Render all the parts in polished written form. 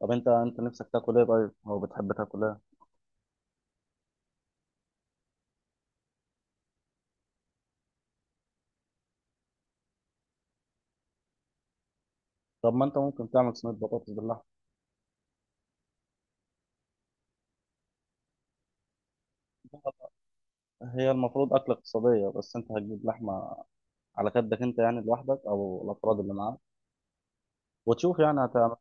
طب انت نفسك تاكل ايه؟ طيب او بتحب تاكل ايه؟ طب ما انت ممكن تعمل صينيه بطاطس باللحمه. هي المفروض اكله اقتصاديه، بس انت هتجيب لحمه على قدك انت، يعني لوحدك او الافراد اللي معاك، وتشوف يعني هتعمل.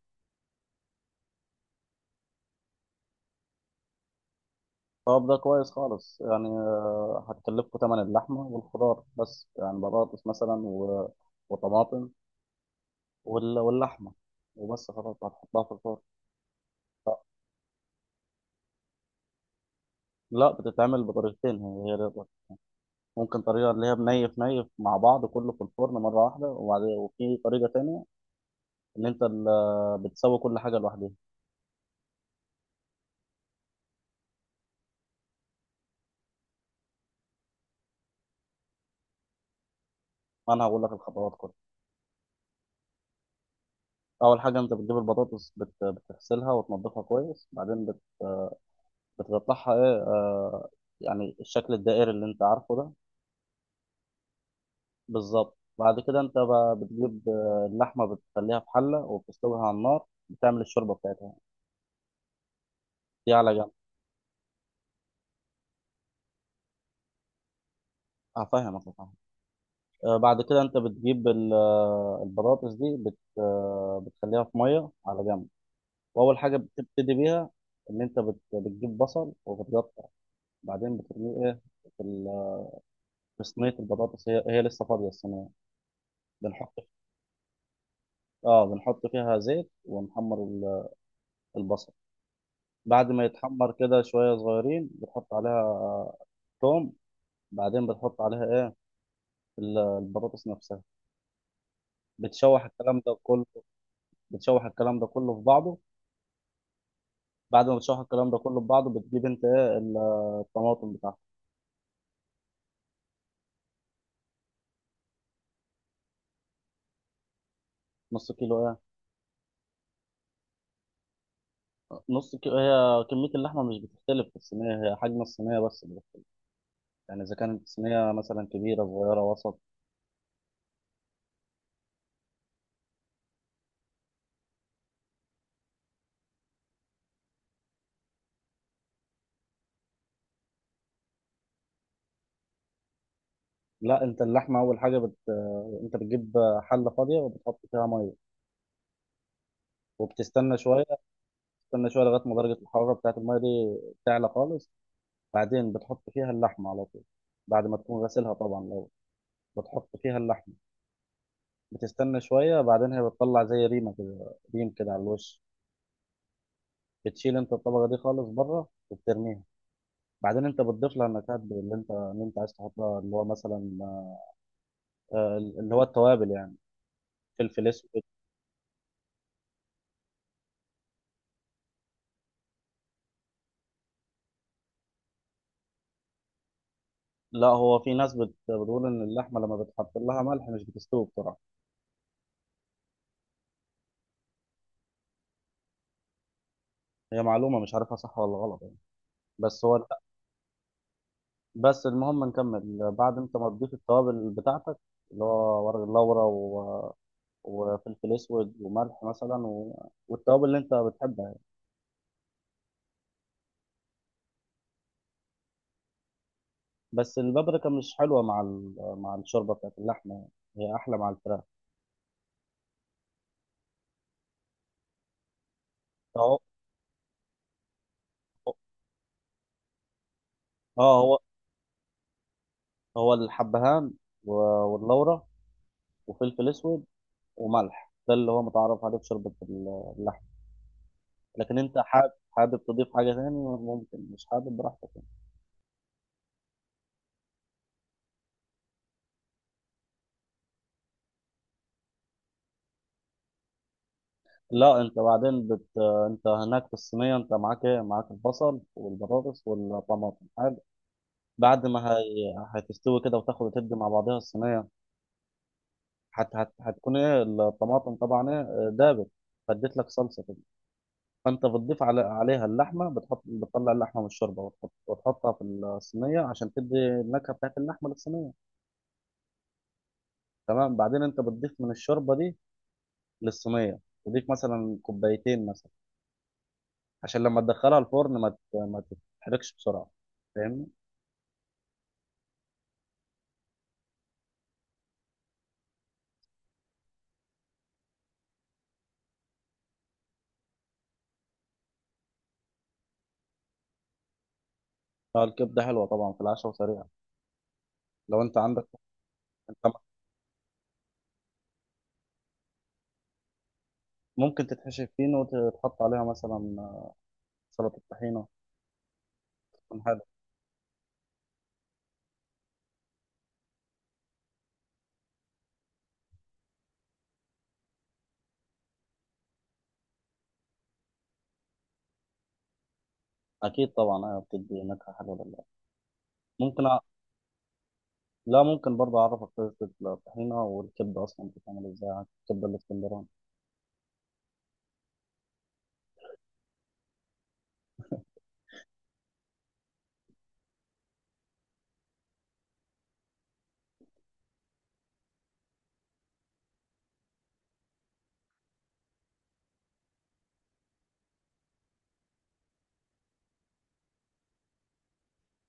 طب ده كويس خالص، يعني هتكلفكوا ثمن اللحمه والخضار بس، يعني بطاطس مثلا وطماطم واللحمه وبس، خلاص هتحطها في الفرن. لا بتتعمل بطريقتين، هي دي الطريقة. ممكن طريقه اللي هي بنيف نيف مع بعض كله في الفرن مره واحده، وبعد وفي طريقه تانية ان انت بتسوي كل حاجه لوحدها. انا هقول لك الخطوات كلها. اول حاجه انت بتجيب البطاطس، بتغسلها وتنضفها كويس، بعدين بتقطعها ايه يعني الشكل الدائري اللي انت عارفه ده. بالظبط، بعد كده انت بتجيب اللحمه، بتخليها في حله وبتسلقها على النار، بتعمل الشوربه بتاعتها، دي على جنب. هفهمك. بعد كده انت بتجيب البطاطس دي بت آه، بتخليها في ميه على جنب. واول حاجه بتبتدي بيها ان انت بتجيب بصل وبتقطع، بعدين بترميه ايه، في في صينيه البطاطس. هي لسه فاضيه الصينيه، بنحط. اه بنحط فيها زيت ونحمر البصل. بعد ما يتحمر كده شويه صغيرين بتحط عليها توم، بعدين بتحط عليها ايه، البطاطس نفسها. بتشوح الكلام ده كله. بتشوح الكلام ده كله في بعضه. بعد ما بتشوح الكلام ده كله في بعضه بتجيب انت ايه الطماطم بتاعتك. نص كيلو ايه؟ نص كيلو هي كمية اللحمة مش بتختلف في الصينية، هي حجم الصينية بس اللي بتختلف، يعني إذا كانت الصينية مثلا كبيرة، صغيرة، وسط. لا انت اللحمه اول حاجه انت بتجيب حله فاضيه وبتحط فيها ميه، وبتستنى شويه. بتستنى شويه لغايه ما درجه الحراره بتاعت الميه دي تعلى خالص، بعدين بتحط فيها اللحمه على طول، بعد ما تكون غسلها طبعا. لو بتحط فيها اللحمه، بتستنى شويه، بعدين هي بتطلع زي ريمه كده، ريم كده على الوش. بتشيل انت الطبقه دي خالص بره وبترميها. بعدين انت بتضيف لها النكهات اللي انت عايز تحطها، اللي هو مثلا اللي هو التوابل يعني، فلفل اسود. لا هو في ناس بتقول ان اللحمه لما بتحط لها ملح مش بتستوي بسرعه. هي معلومه مش عارفها صح ولا غلط يعني، بس هو بس المهم نكمل. بعد انت ما تضيف التوابل بتاعتك، اللي هو ورق اللورا وفلفل اسود وملح مثلا والتوابل اللي انت بتحبها يعني. بس البابريكا مش حلوه مع مع الشوربه بتاعت اللحمه يعني، هي احلى مع الفراخ. فهو اه هو هو الحبهان و- واللورا وفلفل اسود وملح، ده اللي هو متعرف عليه في شوربه اللحمه. لكن انت حابب تضيف حاجة تاني، ممكن. مش حابب، براحتك يعني. لا انت بعدين انت هناك في الصينية انت معاك ايه؟ معاك البصل والبطاطس والطماطم، حلو. بعد ما هتستوي كده وتاخد وتدي مع بعضها الصينية، هتكون ايه الطماطم طبعا؟ ايه، دابت، فاديت لك صلصة كده. فانت بتضيف عليها اللحمة، بتحط، بتطلع اللحمة من الشوربة وتحطها في الصينية عشان تدي النكهة بتاعت اللحمة للصينية. تمام، بعدين انت بتضيف من الشوربة دي للصينيه، تضيف مثلا كوبايتين مثلا، عشان لما تدخلها الفرن ما تتحرقش بسرعه، فاهمني. فالكبده حلوه طبعا في العشاء وسريعه، لو انت عندك. انت ممكن تتحشي فينو وتحط عليها مثلا سلطه طحينه، تكون حلوه. اكيد طبعا ايوه، بتدي نكهه حلوه لله. ممكن أ... لا ممكن برضه اعرفك طريقه الطحينه والكبده اصلا بتتعمل ازاي، الكبده الاسكندراني.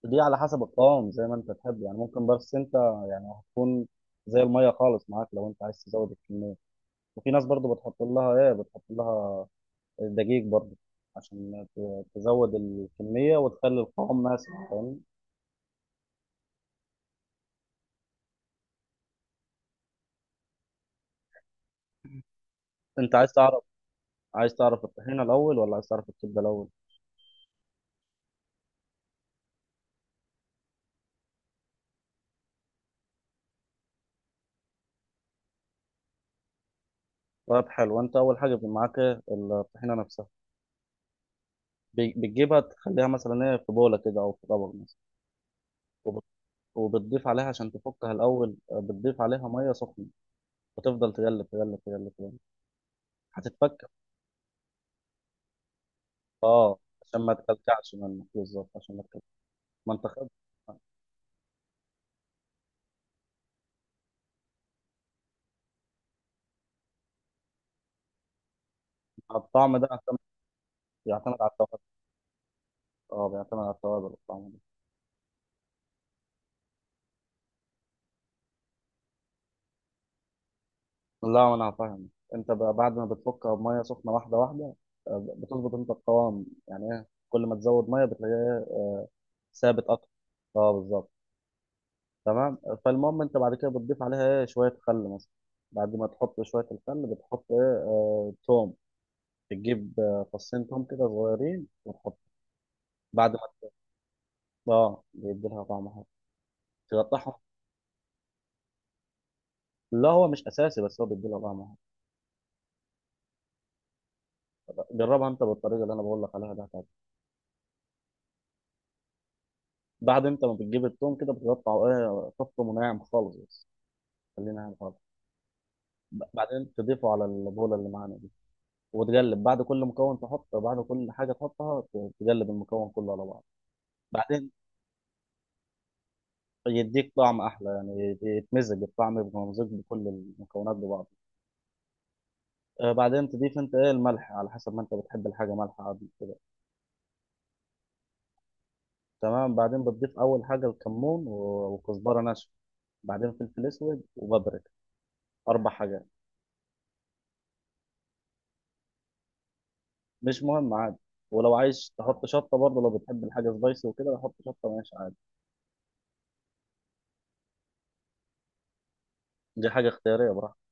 دي على حسب القوام زي ما انت تحب يعني، ممكن. بس انت يعني هتكون زي الميه خالص معاك لو انت عايز تزود الكميه. وفي ناس برضو بتحط لها ايه، بتحط لها دقيق برضو عشان تزود الكمية وتخلي القوام ماسك، فاهم. انت عايز تعرف، عايز تعرف الطحينة الاول ولا عايز تعرف الكبدة الاول؟ طيب حلو. انت اول حاجة بيبقى معاك إيه؟ الطحينة نفسها، بتجيبها تخليها مثلا ايه، في بولة كده او في طبق مثلا، وب- وبتضيف عليها عشان تفكها الاول، بتضيف عليها مية سخنة وتفضل تقلب تقلب تقلب تقلب، هتتفك. اه، عشان ما تكلكعش منك، بالظبط، عشان ما تكلكعش. ما انت خد. الطعم ده عشان يعتمد على التوابل. اه بيعتمد على التوابل والطعم ده. لا ما انا هفهم. انت بقى بعد ما بتفكها بميه سخنه واحده واحده، بتظبط انت القوام، يعني ايه، كل ما تزود ميه بتلاقيه إيه؟ ثابت اكتر. اه بالظبط، تمام. فالمهم انت بعد كده بتضيف عليها ايه، شويه خل مثلا. بعد ما تحط شويه الخل بتحط ايه، توم، بتجيب فصين توم كده صغيرين وتحط بعد ما. اه بيدي لها طعم حلو، تقطعهم. لا هو مش اساسي بس هو بيدي لها طعم حلو. جربها انت بالطريقه اللي انا بقول لك عليها ده. بعد انت ما بتجيب التوم كده بتقطع ايه، تفطم وناعم خالص، بس خلينا ناعم خالص. بعدين تضيفه على البوله اللي معانا دي، وتقلب بعد كل مكون تحط، بعد كل حاجه تحطها تقلب المكون كله على بعض. بعدين يديك طعم احلى يعني، يتمزج الطعم، يبقى ممزوج بكل المكونات ببعض. بعدين تضيف انت ايه، الملح على حسب ما انت بتحب الحاجه مالحه عادي كده. تمام، بعدين بتضيف اول حاجه الكمون وكزبره ناشفه، بعدين فلفل اسود وبابريكا، اربع حاجات. مش مهم عادي. ولو عايز تحط شطه برضه لو بتحب الحاجه سبايسي وكده، حط شطه، ماشي عادي. دي حاجه اختياريه، براحتك.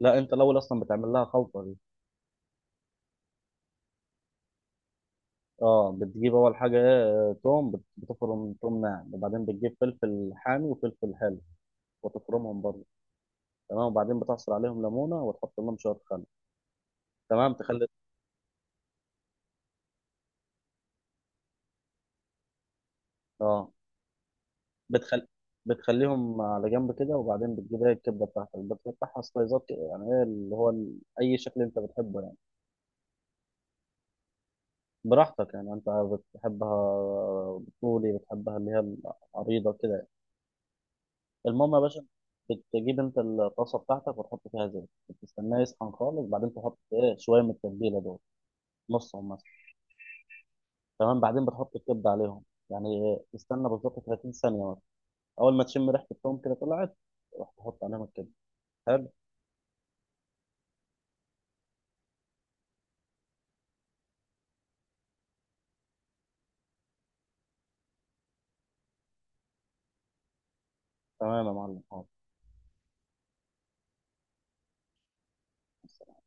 لا انت الاول اصلا بتعمل لها خلطه دي. اه بتجيب اول حاجه ايه، توم، بتفرم توم ناعم، وبعدين بتجيب فلفل حامي وفلفل حلو وتفرمهم برضه. تمام، وبعدين بتعصر عليهم ليمونه وتحط لهم شويه خل. تمام، تخلي. اه بتخلي، بتخليهم على جنب كده، وبعدين بتجيب ايه الكبده بتاعتك، بتقطعها سلايزات كده، يعني ايه، اللي هو اي شكل انت بتحبه يعني، براحتك يعني، انت بتحبها طولي، بتحبها اللي هي العريضه كده يعني. المهم يا باشا، بتجيب انت الطاسه بتاعتك وتحط فيها زيت، بتستناه يسخن خالص، بعدين تحط ايه، شويه من التتبيله دول، نصهم مثلا. تمام، بعدين بتحط الكبده عليهم، يعني ايه، تستنى بالظبط 30 ثانيه مثلا. اول ما تشم ريحه التوم كده طلعت، روح تحط عليهم الكبده، حلو. تمام يا معلم. حاضر.